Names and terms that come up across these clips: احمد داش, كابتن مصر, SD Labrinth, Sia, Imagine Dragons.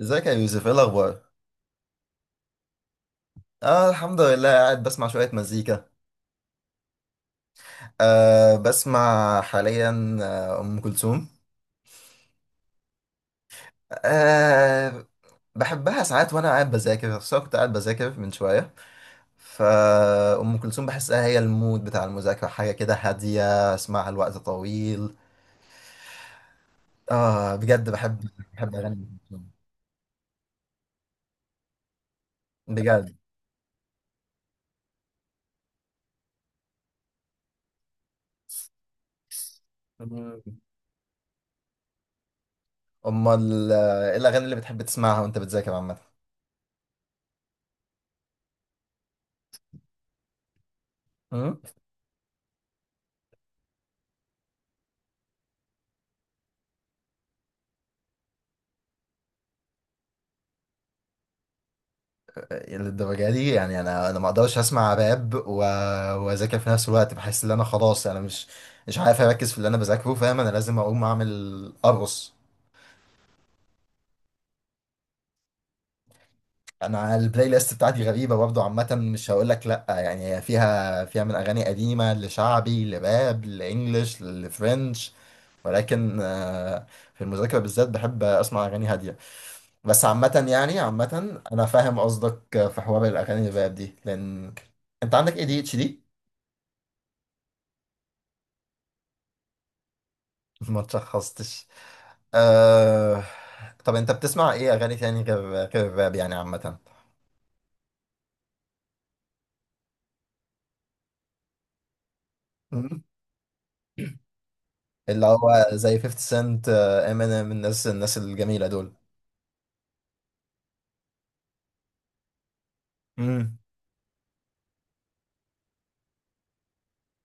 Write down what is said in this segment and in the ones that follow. ازيك يا يوسف؟ ايه الاخبار؟ اه، الحمد لله. قاعد بسمع شويه مزيكا. آه، بسمع حاليا ام كلثوم. آه، بحبها ساعات وانا قاعد بذاكر، خصوصا كنت قاعد بذاكر من شويه. فأم كلثوم بحسها هي المود بتاع المذاكرة، حاجة كده هادية اسمعها لوقت طويل. آه، بجد بحب. بحب أغاني أم كلثوم بجد. مم. أمال إيه الأغاني اللي بتحب تسمعها وأنت بتذاكر عامة؟ للدرجة دي يعني انا ما اقدرش اسمع راب واذاكر في نفس الوقت. بحس ان انا خلاص، انا مش عارف اركز في اللي انا بذاكره. فاهم، انا لازم اقوم اعمل ارقص. انا البلاي ليست بتاعتي غريبة برضه، عامة مش هقول لك لا، يعني هي فيها من اغاني قديمة، لشعبي، لراب، لانجلش، لفرنش. ولكن في المذاكرة بالذات بحب اسمع اغاني هادية. بس عامة، يعني عامة انا فاهم قصدك في حوار الاغاني الراب دي، لان... انت عندك ADHD؟ ما تشخصتش. آه... طب انت بتسمع ايه اغاني تاني غير الراب يعني عامة؟ مم. اللي هو زي 50 سنت، امينيم، الناس الجميلة دول. مم.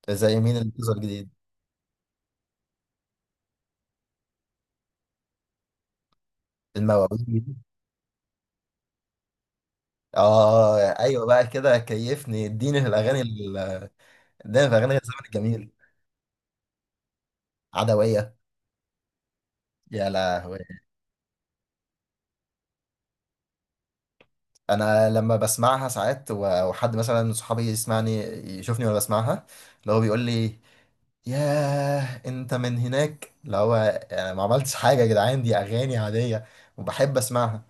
زي مين اللي بتظهر جديد؟ المواويل. اه، ايوه بقى كده، كيفني اديني في الاغاني اديني في اغاني الزمن الجميل. عدوية. يا لهوي! انا لما بسمعها ساعات وحد مثلا من صحابي يسمعني، يشوفني وانا بسمعها، اللي هو بيقول لي: ياه، انت من هناك. اللي هو انا ما عملتش حاجه يا جدعان، دي اغاني عاديه، وبحب اسمعها.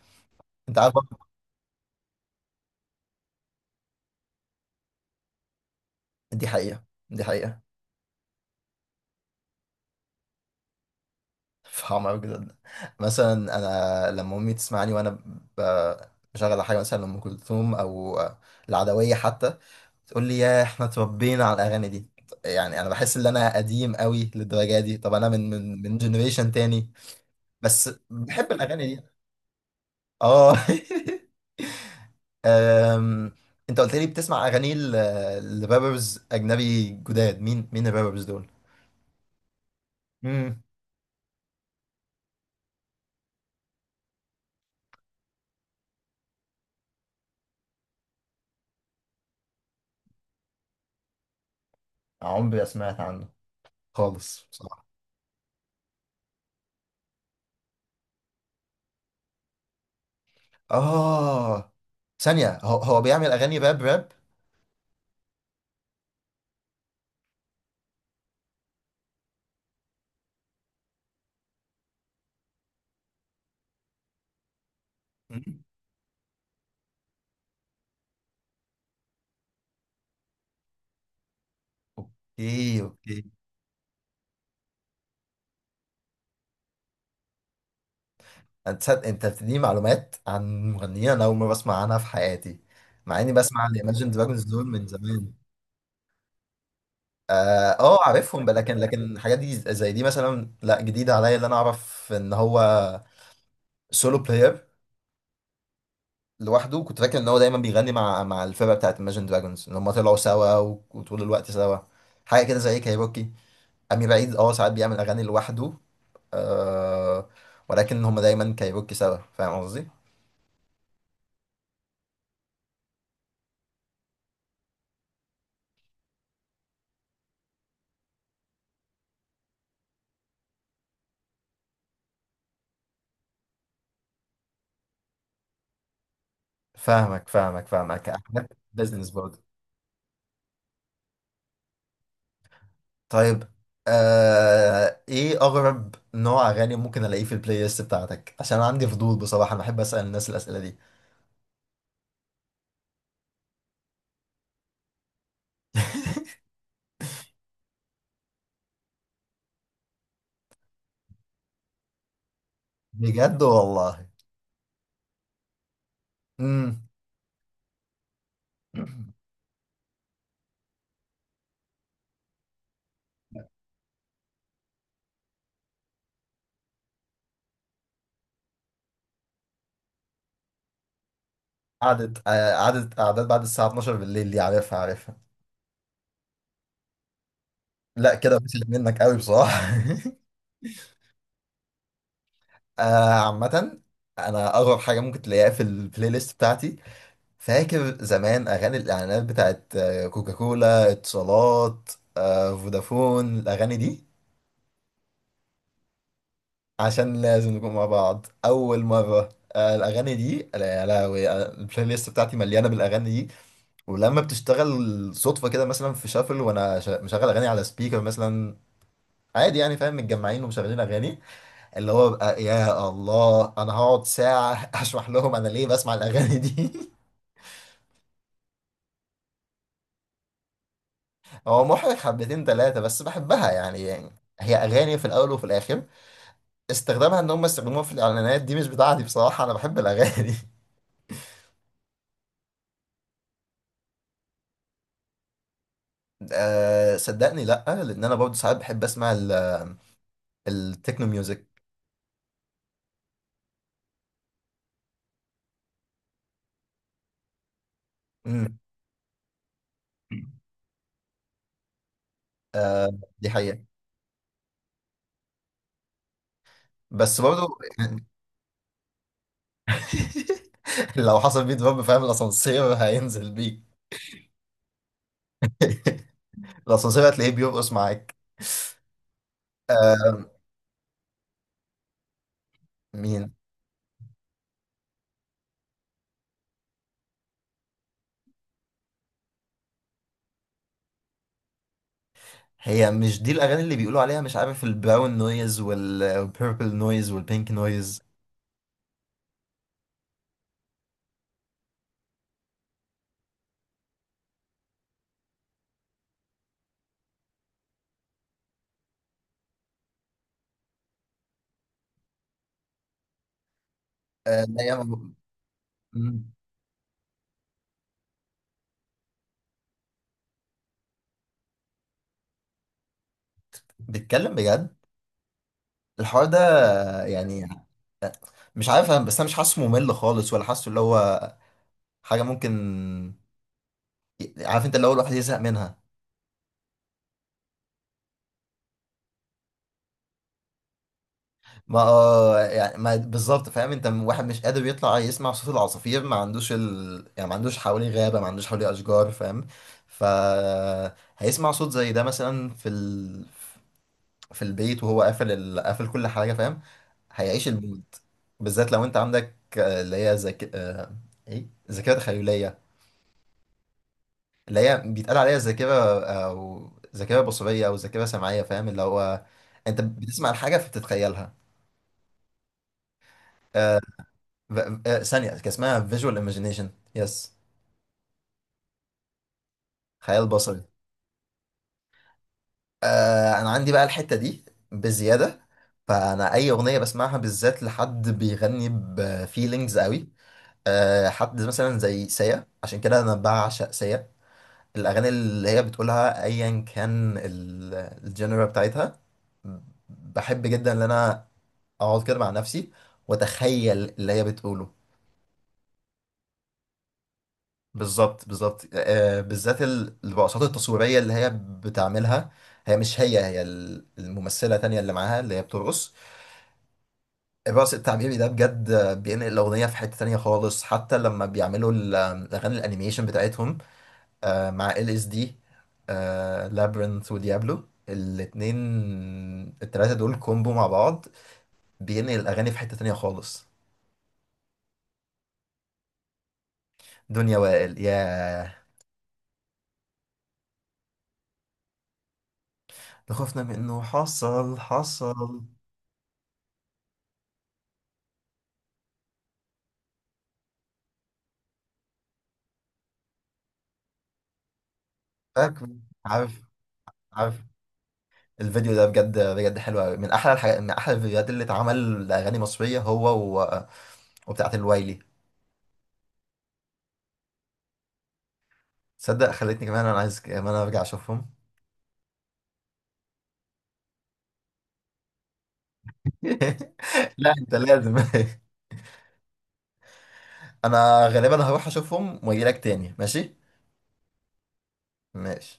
انت عارف برضه... دي حقيقه، دي حقيقه. فاهم قوي جدا. مثلا انا لما امي تسمعني وانا ب- بشغل حاجه مثلا ام كلثوم او العدويه حتى، تقول لي: يا، احنا اتربينا على الاغاني دي. يعني انا بحس ان انا قديم قوي للدرجه دي. طب انا من جنريشن تاني، بس بحب الاغاني دي. اه. أم... انت قلت لي بتسمع اغاني لرابرز اجنبي جداد. مين مين الرابرز دول؟ امم. عمري ما سمعت عنه خالص بصراحه. اه، ثانيه، هو بيعمل اغاني راب راب؟ مم. اوكي، اوكي. انت بتديني معلومات عن مغنيين انا اول مره بسمع عنها في حياتي، مع اني بسمع الايماجن دراجونز دول من زمان. اه، عارفهم بقى، لكن الحاجات دي زي دي مثلا لا، جديده عليا. اللي انا اعرف ان هو سولو بلاير لوحده. كنت فاكر ان هو دايما بيغني مع الفرقه بتاعت Imagine Dragons، ان هم طلعوا سوا وطول الوقت سوا. حاجه كده زي كايروكي. امير عيد، اه، ساعات بيعمل اغاني لوحده. آه. ولكن هم دايما كايروكي سوا، فاهم قصدي؟ فاهمك فاهمك فاهمك، احنا بزنس برضه. طيب. ايه اغرب نوع اغاني ممكن الاقيه في البلاي ليست بتاعتك؟ عشان أنا عندي فضول بصراحه، انا بحب اسال الناس الاسئله دي. بجد والله! امم قعدت آه، قعدت قعدات بعد الساعة 12 بالليل، دي عارفها عارفها. لا، كده بسلك منك قوي بصراحة. عامة، أنا أغرب حاجة ممكن تلاقيها في البلاي ليست بتاعتي، فاكر زمان أغاني الإعلانات بتاعت كوكاكولا، اتصالات، فودافون، الأغاني دي. عشان لازم نكون مع بعض. أول مرة الأغاني دي. لا، لا. البلاي ليست بتاعتي مليانة بالأغاني دي، ولما بتشتغل صدفة كده مثلا في شافل وأنا مشغل أغاني على سبيكر مثلا، عادي يعني، فاهم، متجمعين ومشغلين اغاني. اللي هو بقى يا الله، انا هقعد ساعه اشرح لهم انا ليه بسمع الاغاني دي. هو محرج حبتين ثلاثه، بس بحبها، يعني هي اغاني في الاول وفي الاخر. استخدامها ان هم يستخدموها في الاعلانات دي مش بتاعتي بصراحه، انا بحب الاغاني. أه، صدقني لا، لان انا برضه ساعات بحب اسمع التكنو ميوزك. امم. دي حقيقه، بس برضه. لو حصل بيه دروب، فاهم؟ الاسانسير هينزل بيك. الاسانسير هتلاقيه بيرقص معاك. مين؟ هي مش دي الاغاني اللي بيقولوا عليها مش عارف، البراون نويز والبيربل نويز والبينك نويز؟ لا يا م- بتكلم بجد الحوار ده؟ يعني مش عارف، بس انا مش حاسه ممل خالص، ولا حاسه اللي هو حاجه ممكن، عارف انت اللي هو الواحد يزهق منها. ما يعني ما بالظبط، فاهم انت واحد مش قادر يطلع يسمع صوت العصافير، ما عندوش يعني ما عندوش حواليه غابه، ما عندوش حواليه اشجار، فاهم؟ ف... هيسمع صوت زي ده مثلا في في البيت، وهو قافل قافل كل حاجه، فاهم؟ هيعيش المود. بالذات لو انت عندك اللي هي ذاك آه، ايه، ذاكره تخيليه، اللي هي بيتقال عليها ذاكره، او ذاكره بصريه، او ذاكره سمعيه. فاهم، اللي هو انت بتسمع الحاجه فبتتخيلها. آه، ف- ثانيه، كان اسمها فيجوال ايماجينيشن. يس، خيال بصري. انا عندي بقى الحته دي بزياده. فانا اي اغنيه بسمعها بالذات لحد بيغني بفيلينجز قوي، حد مثلا زي سيا، عشان كده انا بعشق سيا. الاغاني اللي هي بتقولها ايا كان الجنرا بتاعتها، بحب جدا ان انا اقعد كده مع نفسي واتخيل اللي هي بتقوله. بالظبط، بالظبط، بالذات الرقصات التصويريه اللي هي بتعملها، هي مش هي هي الممثله تانية اللي معاها اللي هي بترقص. الرقص التعبيري ده بجد بينقل الاغنيه في حته تانية خالص، حتى لما بيعملوا الاغاني الانيميشن بتاعتهم مع LSD، لابرنث وديابلو الاتنين، التلاتة دول كومبو مع بعض، بينقل الأغاني في حتة تانية خالص. دنيا وائل، يا لخوفنا من إنه حصل حصل. فاكر. عارف، عارف. الفيديو ده بجد بجد حلو أوي، من أحلى الحاجات، من أحلى الفيديوهات اللي اتعمل لأغاني مصرية. هو و... وبتاعة الوايلي. تصدق خلتني كمان أنا عايز كمان أرجع أشوفهم. لا، أنت لازم. أنا غالبا هروح أشوفهم وأجيلك تاني، ماشي؟ ماشي.